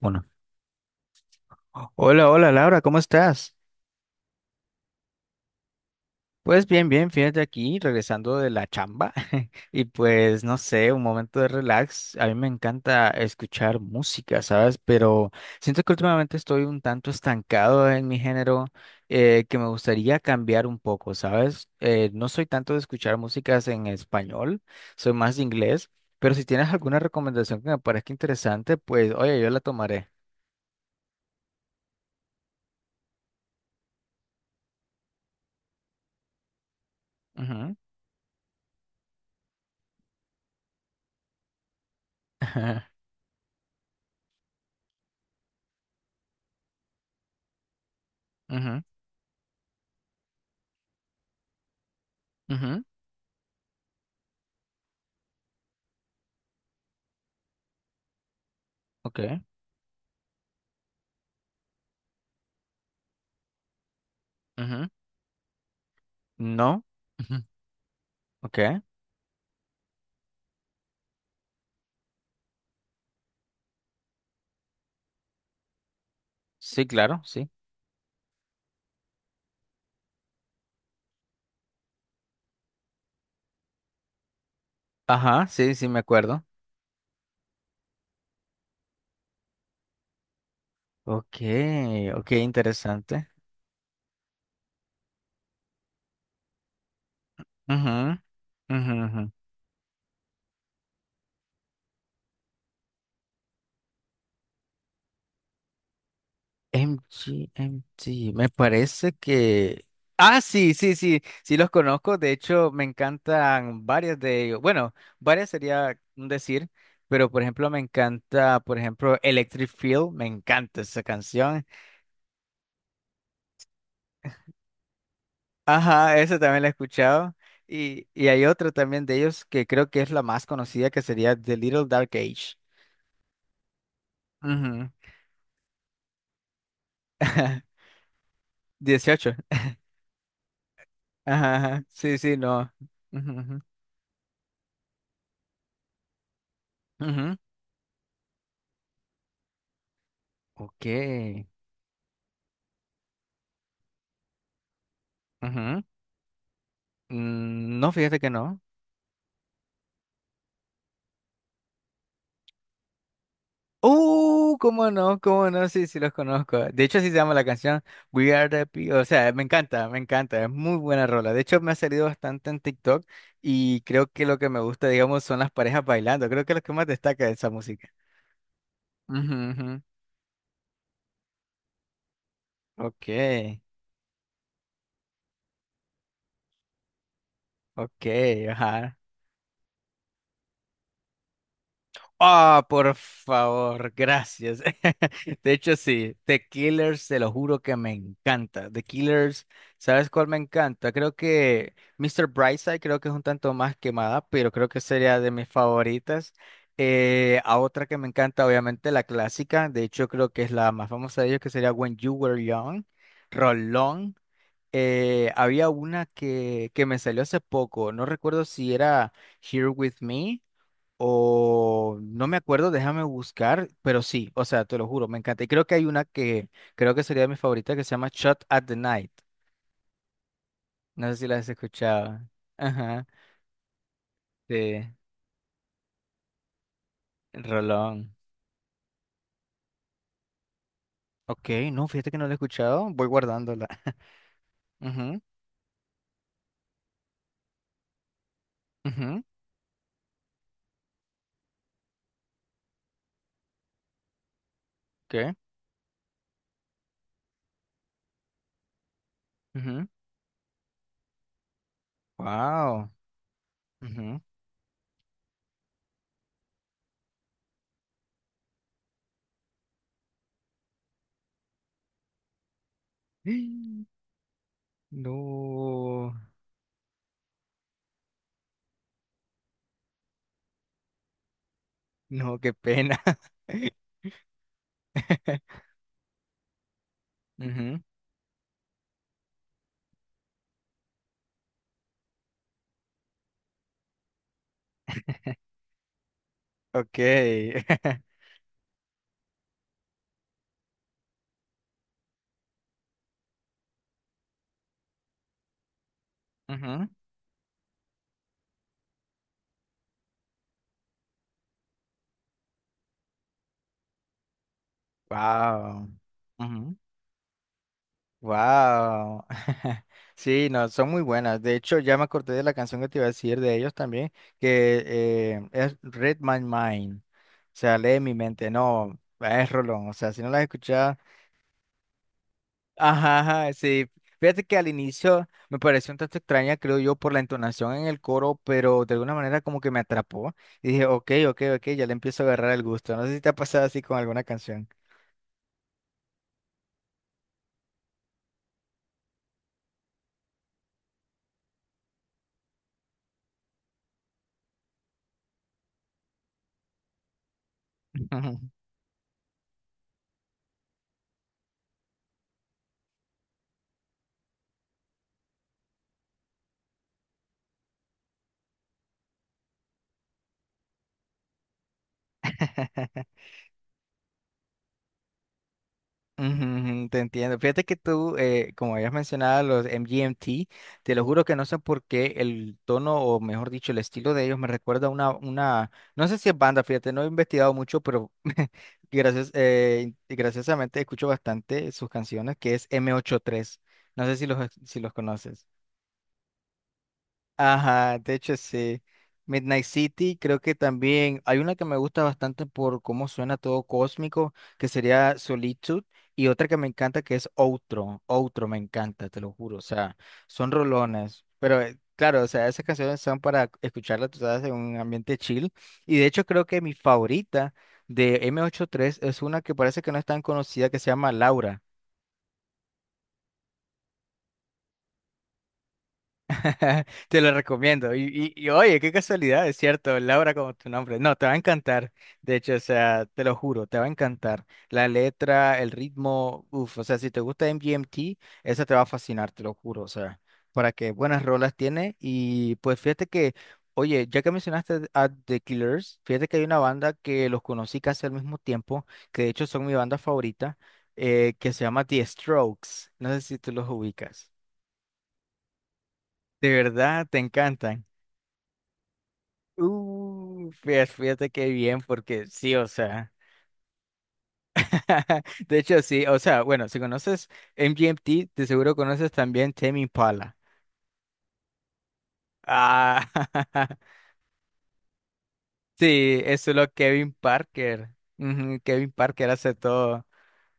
Bueno. Hola, hola Laura, ¿cómo estás? Pues bien, fíjate aquí, regresando de la chamba y pues no sé, un momento de relax. A mí me encanta escuchar música, ¿sabes? Pero siento que últimamente estoy un tanto estancado en mi género, que me gustaría cambiar un poco, ¿sabes? No soy tanto de escuchar músicas en español, soy más de inglés, pero si tienes alguna recomendación que me parezca interesante, pues oye, yo la tomaré. Ujú. Ujú, ujú, ujú, ok. Ujú. No. Ujú. Ok. Sí, claro, sí. Ajá, sí, sí, me acuerdo. Ok, ok, interesante. Ujú, ujú, ujú. MG, me parece que... Ah, sí, sí, sí, sí los conozco. De hecho, me encantan varias de ellos. Bueno, varias sería un decir, pero por ejemplo, me encanta, por ejemplo, Electric Feel, me encanta esa canción. Ajá, esa también la he escuchado. Y hay otra también de ellos que creo que es la más conocida, que sería The Little Dark Age. Ujú. 18. Ajá, ajá. Sí, sí, no. Ujú, ujú. Ujú. Ok. Ujú. Mm, no, fíjate que no. Cómo no, cómo no, sí, sí los conozco. De hecho, así se llama la canción We Are the People. O sea, me encanta, es muy buena rola. De hecho, me ha salido bastante en TikTok y creo que lo que me gusta, digamos, son las parejas bailando. Creo que es lo que más destaca de esa música. Ujú, ujú. Ok, ok, ajá. Ah, por favor, gracias. De hecho, sí, The Killers, te lo juro que me encanta. The Killers, ¿sabes cuál me encanta? Creo que Mr. Brightside creo que es un tanto más quemada, pero creo que sería de mis favoritas. A otra que me encanta, obviamente, la clásica. De hecho, creo que es la más famosa de ellos, que sería When You Were Young. Rolón. Había una que me salió hace poco, no recuerdo si era Here With Me. O no me acuerdo, déjame buscar, pero sí, o sea, te lo juro, me encanta. Y creo que hay una que creo que sería mi favorita que se llama Shot at the Night. No sé si la has escuchado. Ajá, sí, rolón. Ok, no, fíjate que no la he escuchado, voy guardándola. Ujú, ujú. ¿Qué? Ujú, wow. Ujú. No, no, qué pena. Ujú, ok. Ujú, wow. Wow. Sí, no, son muy buenas. De hecho, ya me acordé de la canción que te iba a decir de ellos también, que es Read My Mind. O sea, lee mi mente. No, es rolón. O sea, si no la has escuchado. Ajá, ajá, sí. Fíjate que al inicio me pareció un tanto extraña, creo yo, por la entonación en el coro, pero de alguna manera como que me atrapó. Y dije, ok, ok, ok, ya le empiezo a agarrar el gusto. No sé si te ha pasado así con alguna canción. Ujú, ujú, te entiendo. Fíjate que tú, como habías mencionado, los MGMT, te lo juro que no sé por qué el tono, o mejor dicho, el estilo de ellos me recuerda a una no sé si es banda, fíjate, no he investigado mucho, pero gracias, graciosamente escucho bastante sus canciones, que es M83. No sé si los conoces. Ajá, de hecho sí. Midnight City creo que también hay una que me gusta bastante por cómo suena todo cósmico, que sería Solitude, y otra que me encanta que es Outro. Outro me encanta, te lo juro. O sea, son rolones. Pero claro, o sea, esas canciones son para escucharlas, tú sabes, en un ambiente chill. Y de hecho creo que mi favorita de M83 es una que parece que no es tan conocida, que se llama Laura. Te lo recomiendo. Oye, qué casualidad, es cierto, Laura como tu nombre. No, te va a encantar. De hecho, o sea, te lo juro, te va a encantar. La letra, el ritmo, uff, o sea, si te gusta MGMT, esa te va a fascinar, te lo juro. O sea, para que buenas rolas tiene. Y pues fíjate que, oye, ya que mencionaste a The Killers, fíjate que hay una banda que los conocí casi al mismo tiempo, que de hecho son mi banda favorita, que se llama The Strokes. No sé si tú los ubicas. De verdad, te encantan. Fíjate qué bien, porque sí, o sea, de hecho sí, o sea, bueno, si conoces MGMT, de seguro conoces también Tame Impala. Ah, sí, es solo Kevin Parker. Ujú, Kevin Parker hace todo.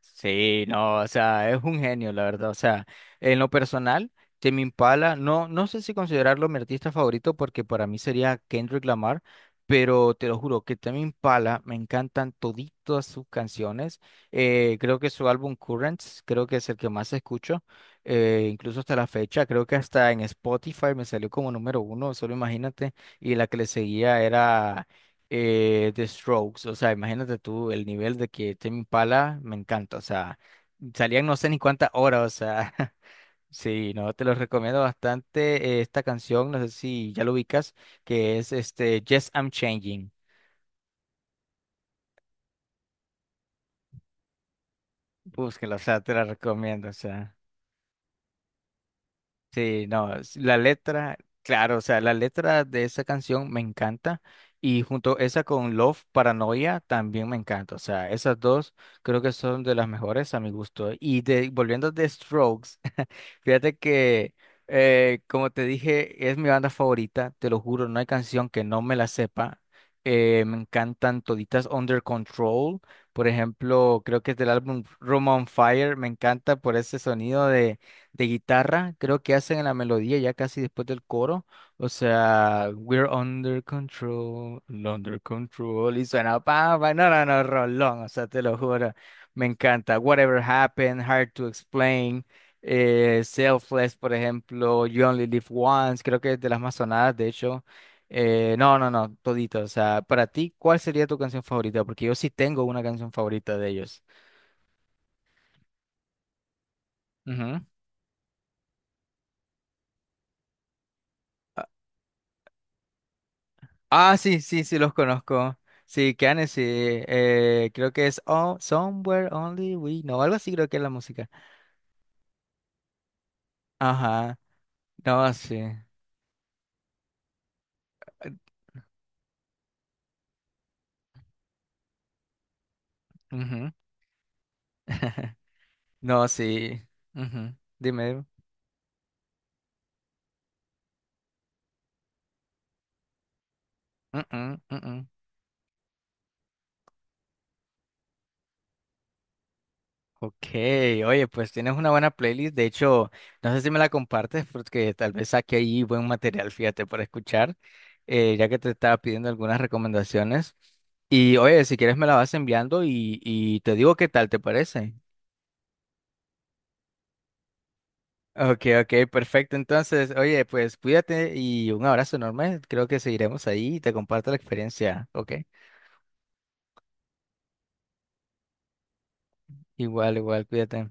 Sí, no, o sea, es un genio, la verdad. O sea, en lo personal, Tame Impala, no, no sé si considerarlo mi artista favorito porque para mí sería Kendrick Lamar, pero te lo juro que Tame Impala me encantan toditas sus canciones. Creo que su álbum Currents, creo que es el que más escucho, incluso hasta la fecha. Creo que hasta en Spotify me salió como número uno, solo imagínate. Y la que le seguía era The Strokes, o sea, imagínate tú el nivel de que Tame Impala me encanta, o sea, salían no sé ni cuántas horas, o sea, sí, no, te lo recomiendo bastante esta canción, no sé si ya lo ubicas, que es este Yes, I'm Changing, búsquela, o sea, te la recomiendo, o sea. Sí, no, es- la letra, claro, o sea, la letra de esa canción me encanta y junto esa con Love Paranoia también me encanta, o sea, esas dos creo que son de las mejores a mi gusto. Y de, volviendo de Strokes, fíjate que, como te dije, es mi banda favorita, te lo juro, no hay canción que no me la sepa. Me encantan toditas Under Control, por ejemplo, creo que es del álbum Room on Fire, me encanta por ese sonido de guitarra, creo que hacen en la melodía ya casi después del coro, o sea, We're Under Control, Under Control, y suena, pa, pa, no, no, no, rolón, o sea, te lo juro, me encanta. Whatever Happened, Hard to Explain Selfless, por ejemplo, You Only Live Once, creo que es de las más sonadas, de hecho. No, no, no, todito. O sea, para ti, ¿cuál sería tu canción favorita? Porque yo sí tengo una canción favorita de ellos. Ujú. Ah, ah, sí, sí, sí, los conozco. Sí, Kane, sí. Creo que es oh, Somewhere Only We Know, algo así creo que es la música. Ajá, no, sí. Ujú. No, sí. Ujú. Dime. Dime. Mm, mm, mm, mm. Ok, oye, pues tienes una buena playlist. De hecho, no sé si me la compartes porque tal vez saque ahí buen material, fíjate, para escuchar, ya que te estaba pidiendo algunas recomendaciones. Y oye, si quieres me la vas enviando y te digo qué tal te parece. Ok, ok, perfecto. Entonces, oye, pues cuídate y un abrazo enorme. Creo que seguiremos ahí y te comparto la experiencia. Ok, igual, igual, cuídate.